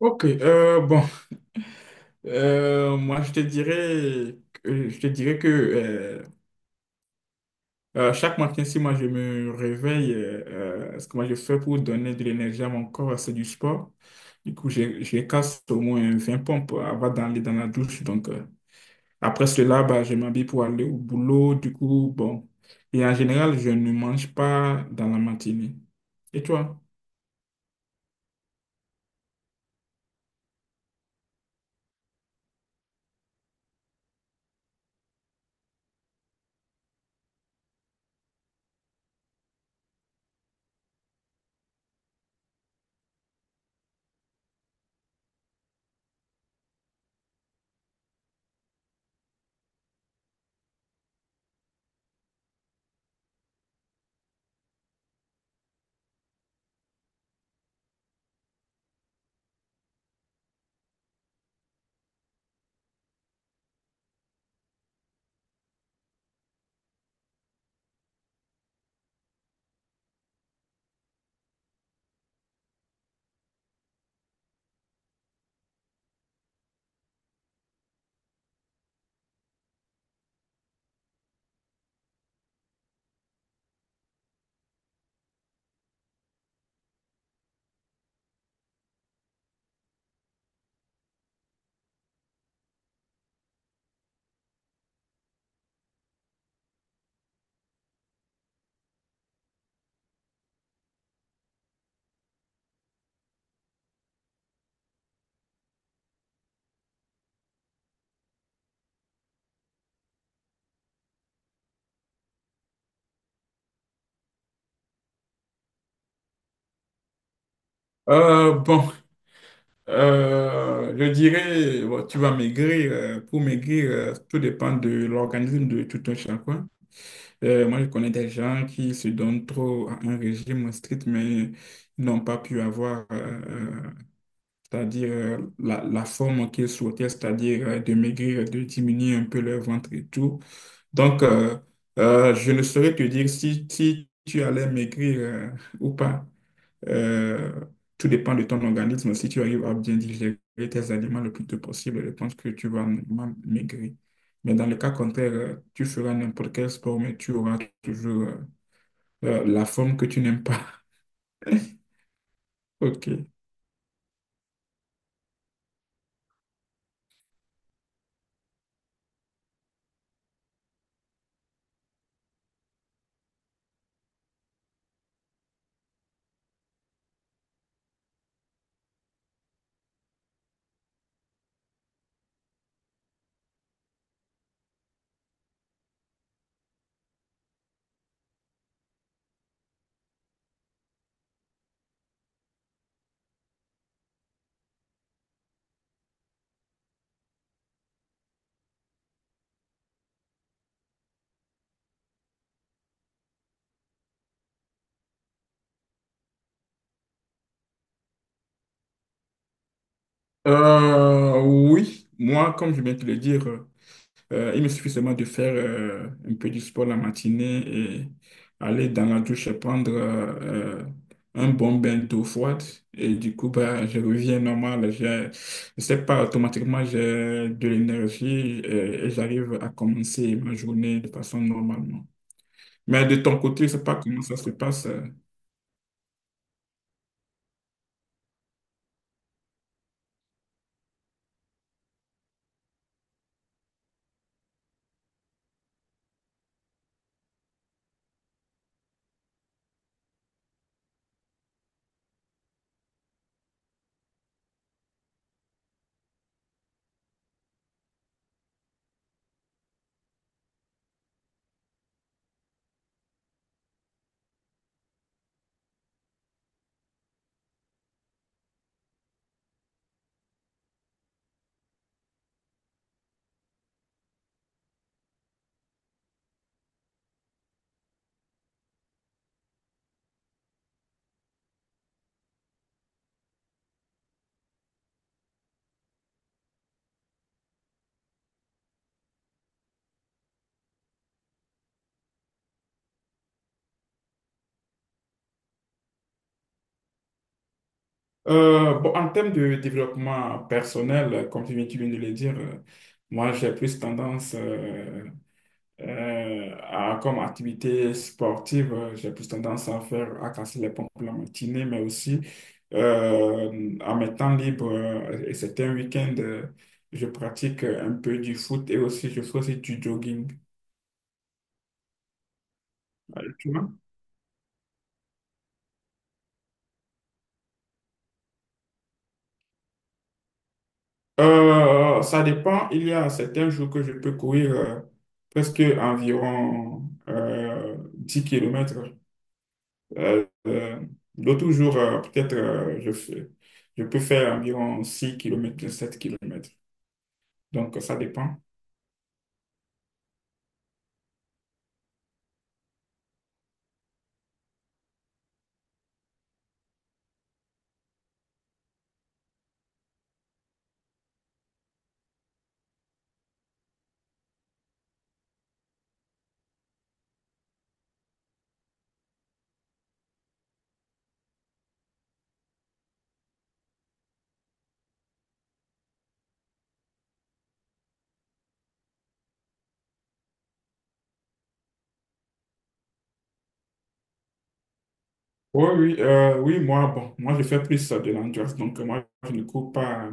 Ok, euh, bon, Moi je te dirais, je te dirais que chaque matin, si moi je me réveille, ce que moi je fais pour donner de l'énergie à mon corps, c'est du sport. Du coup, je casse au moins 20 pompes avant d'aller dans la douche. Donc, après cela, bah, je m'habille pour aller au boulot. Du coup, bon. Et en général, je ne mange pas dans la matinée. Et toi? Euh, bon, je dirais, bon, tu vas maigrir. Pour maigrir, tout dépend de l'organisme de tout un chacun. Moi, je connais des gens qui se donnent trop à un régime strict, mais n'ont pas pu avoir, c'est-à-dire la forme qu'ils souhaitaient, c'est-à-dire de maigrir, de diminuer un peu leur ventre et tout. Donc, euh, je ne saurais te dire si, si tu allais maigrir ou pas. Euh, Tout dépend de ton organisme. Si tu arrives à bien digérer tes aliments le plus tôt possible, je pense que tu vas normalement maigrir. Mais dans le cas contraire, tu feras n'importe quel sport, mais tu auras toujours la forme que tu n'aimes pas. OK. Oui, moi, comme je viens de te le dire, il me suffit seulement de faire un peu du sport la matinée et aller dans la douche et prendre un bon bain d'eau froide. Et du coup, bah, je reviens normal. Je ne sais pas, automatiquement, j'ai de l'énergie et j'arrive à commencer ma journée de façon normalement. Mais de ton côté, je sais pas comment ça se passe. En termes de développement personnel, comme tu viens de le dire, moi j'ai plus tendance à, comme activité sportive, j'ai plus tendance à faire, à casser les pompes la matinée, mais aussi en mes temps libres et c'est un week end je pratique un peu du foot et aussi je fais aussi du jogging. Tu vois? Ça dépend. Il y a certains jours que je peux courir presque environ 10 km. Euh, euh, D'autres jours, peut-être, je peux faire environ 6 kilomètres, 7 kilomètres. Donc, ça dépend. Oui, moi, bon, moi, je fais plus de l'endurance. Donc, moi, je ne cours pas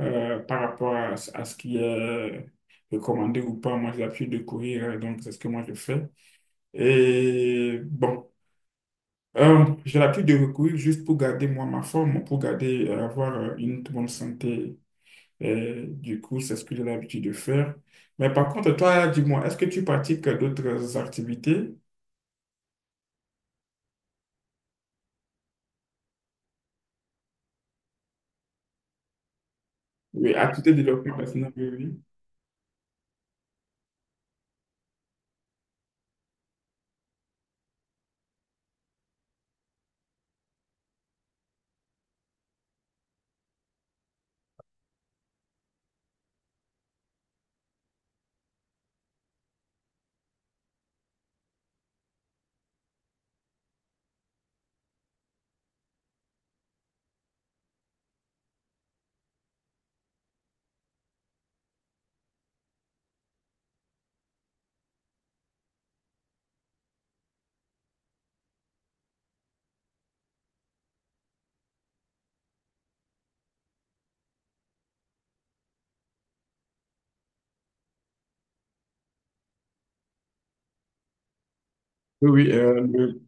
par rapport à ce qui est recommandé ou pas. Moi, j'ai l'habitude de courir, donc c'est ce que moi, je fais. Et bon, j'ai l'habitude de courir juste pour garder, moi, ma forme, pour garder, avoir une bonne santé. Et du coup, c'est ce que j'ai l'habitude de faire. Mais par contre, toi, dis-moi, est-ce que tu pratiques d'autres activités? Oui, activités de développement personnel, oui, oui. Oui, oui, euh, le-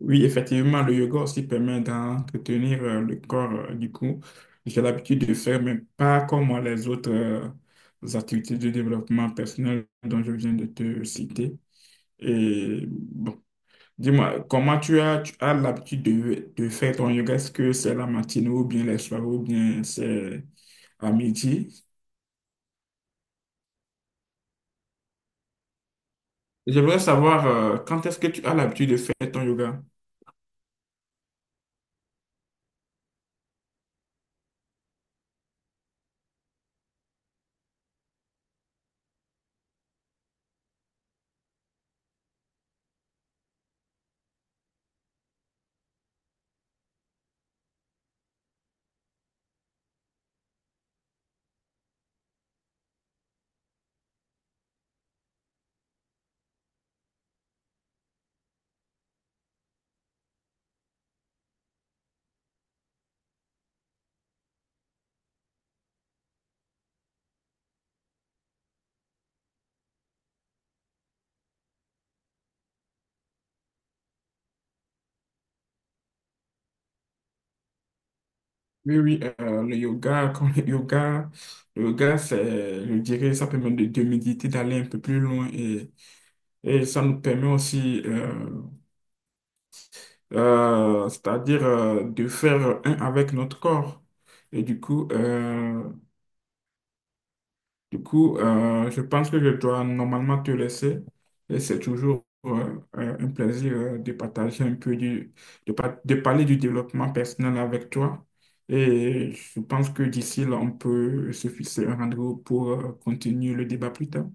Oui, effectivement, le yoga aussi permet d'entretenir le corps. Du coup, j'ai l'habitude de faire, mais pas comme les autres activités de développement personnel dont je viens de te citer. Et bon, Dis-moi, comment tu as l'habitude de faire ton yoga? Est-ce que c'est la matinée ou bien les soirs ou bien c'est à midi? J'aimerais savoir quand est-ce que tu as l'habitude de faire ton yoga? Oui, oui, euh, le yoga, quand le yoga, le yoga, c'est, je dirais, ça permet de méditer, d'aller un peu plus loin et ça nous permet aussi, c'est-à-dire, de faire un avec notre corps. Et du coup, euh, Du coup, je pense que je dois normalement te laisser et c'est toujours un plaisir de partager un peu de parler du développement personnel avec toi. Et je pense que d'ici là, on peut se fixer un rendez-vous pour continuer le débat plus tard.